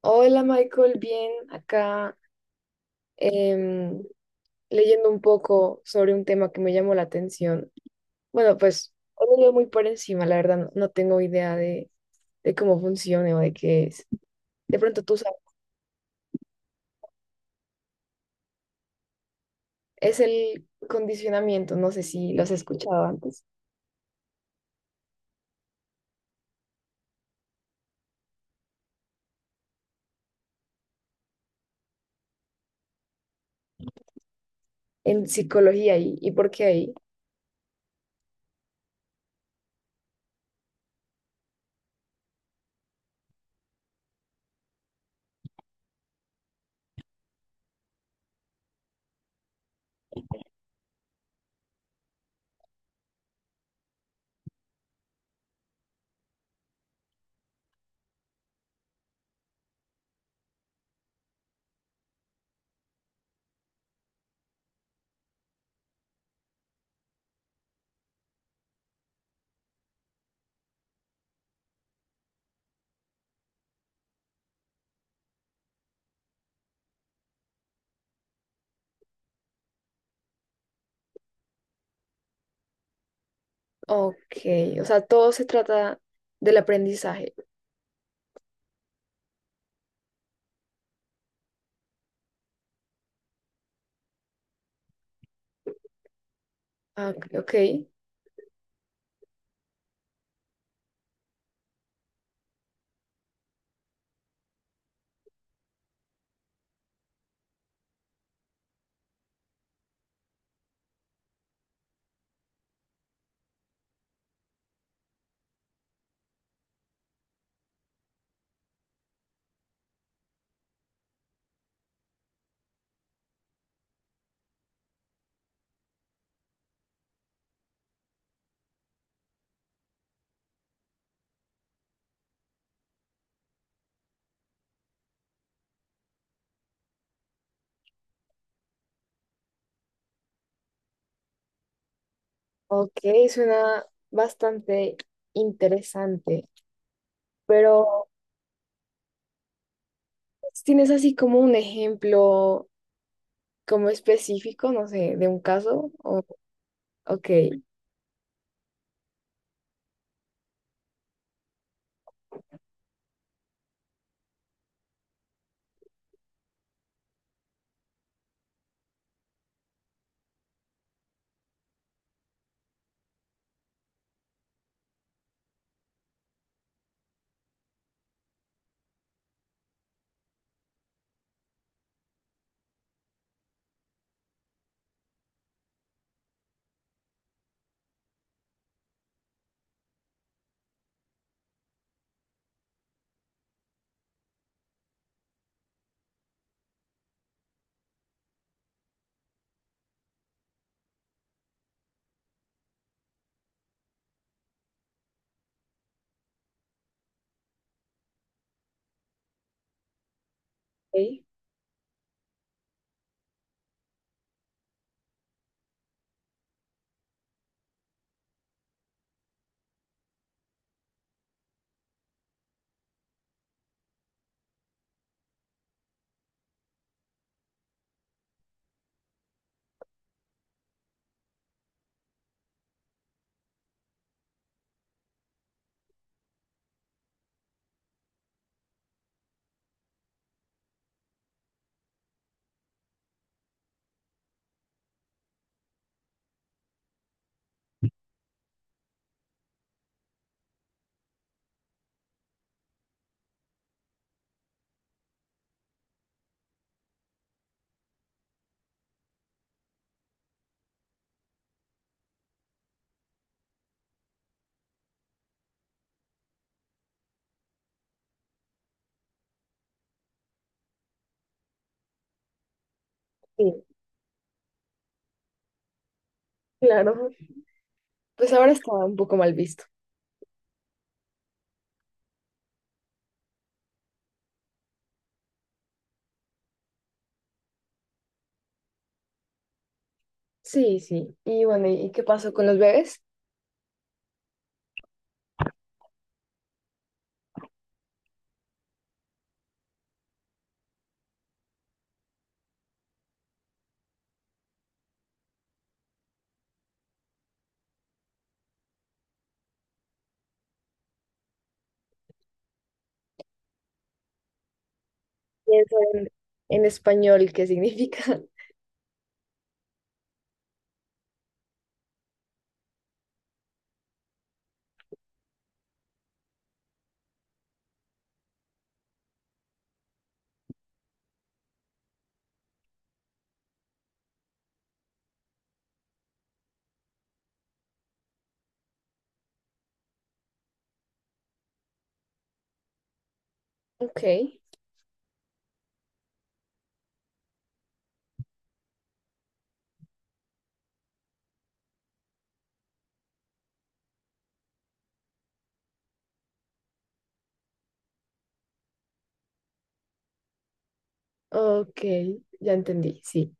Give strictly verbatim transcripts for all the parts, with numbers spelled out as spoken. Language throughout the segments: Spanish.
Hola Michael, bien, acá em, leyendo un poco sobre un tema que me llamó la atención. Bueno, pues hoy lo leo muy por encima, la verdad no, no tengo idea de, de cómo funciona o de qué es. De pronto tú sabes, es el condicionamiento, no sé si lo has escuchado antes, en psicología y, y por qué ahí. Ok, o sea, todo se trata del aprendizaje. Ah, ok, ok, ok, suena bastante interesante, pero... ¿Tienes así como un ejemplo como específico, no sé, de un caso? O, ok, ok, sí, claro. Pues ahora está un poco mal visto. Sí, sí. Y bueno, ¿y qué pasó con los bebés? Y eso en, en español, ¿qué significa? Ok, ok, ya entendí, sí.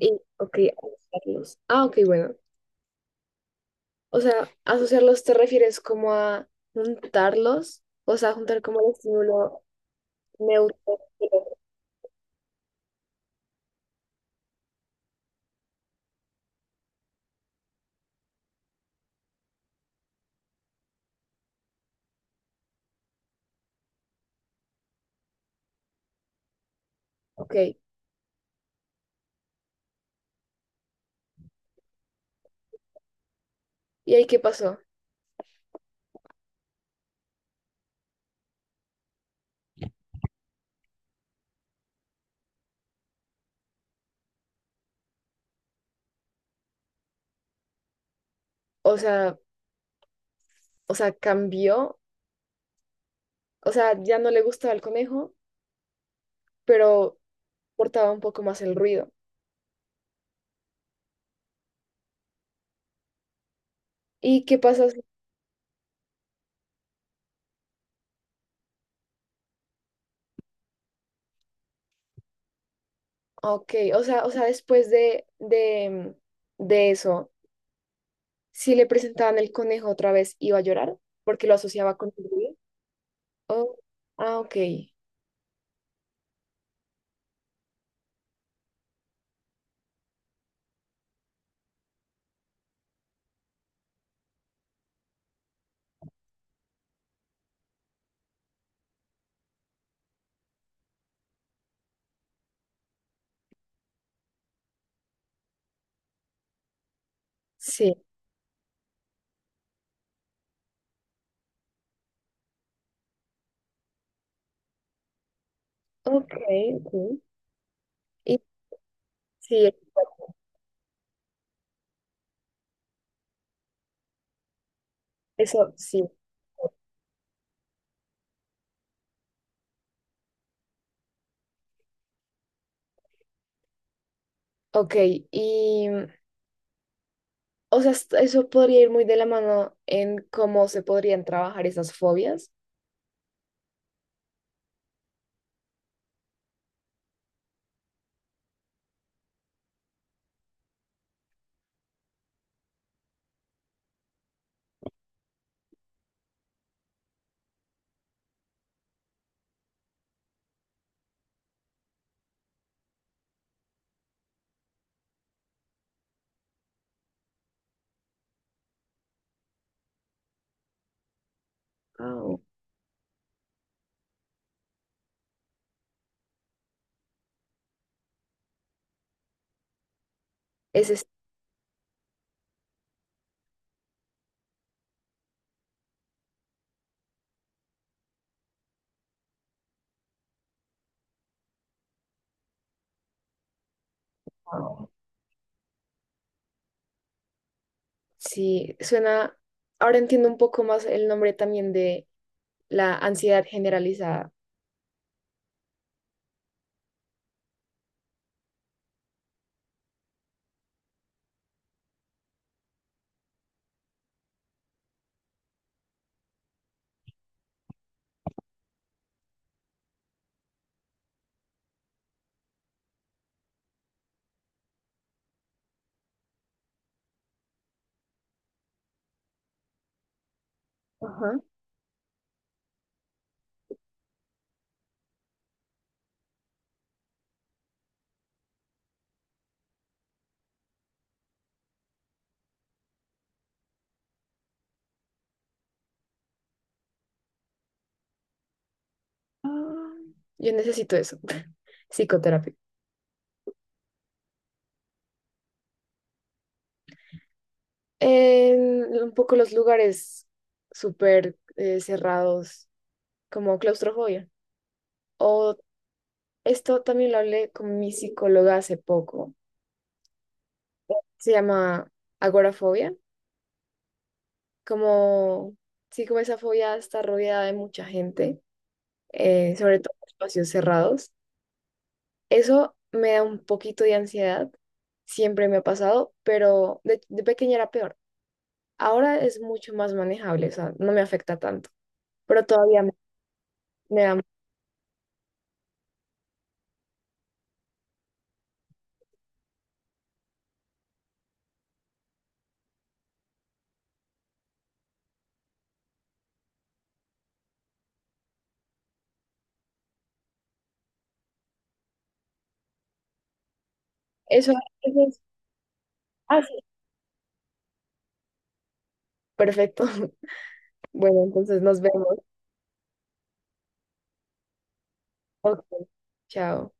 Y, ok, asociarlos. Ah, ok, bueno. O sea, asociarlos te refieres como a juntarlos, o sea, juntar como el estímulo neutro. Ok, ¿y ahí qué pasó? O sea, o sea, cambió, o sea, ya no le gustaba el conejo, pero portaba un poco más el ruido. ¿Y qué pasa? si- Ok, o sea, o sea, después de, de, de eso, si le presentaban el conejo otra vez, iba a llorar porque lo asociaba con el ruido. Oh, ah, ok, sí, ok, ok. Y sí, eso sí. Ok, y o sea, est- eso podría ir muy de la mano en cómo se podrían trabajar esas fobias. Ah, ok. Ese sí, suena, ahora entiendo un poco más el nombre también de la ansiedad generalizada. Ajá. Ah, Yo necesito eso, psicoterapia. En un poco los lugares súper eh, cerrados, como claustrofobia. O esto también lo hablé con mi psicóloga hace poco. Se llama agorafobia, como, sí, como esa fobia está rodeada de mucha gente, eh, sobre todo en espacios cerrados. Eso me da un poquito de ansiedad, siempre me ha pasado, pero de, de pequeña era peor. Ahora es mucho más manejable, o sea, no me afecta tanto, pero todavía me, me da... Eso, eso es... Ah, sí. Perfecto. Bueno, entonces nos vemos. Ok, chao.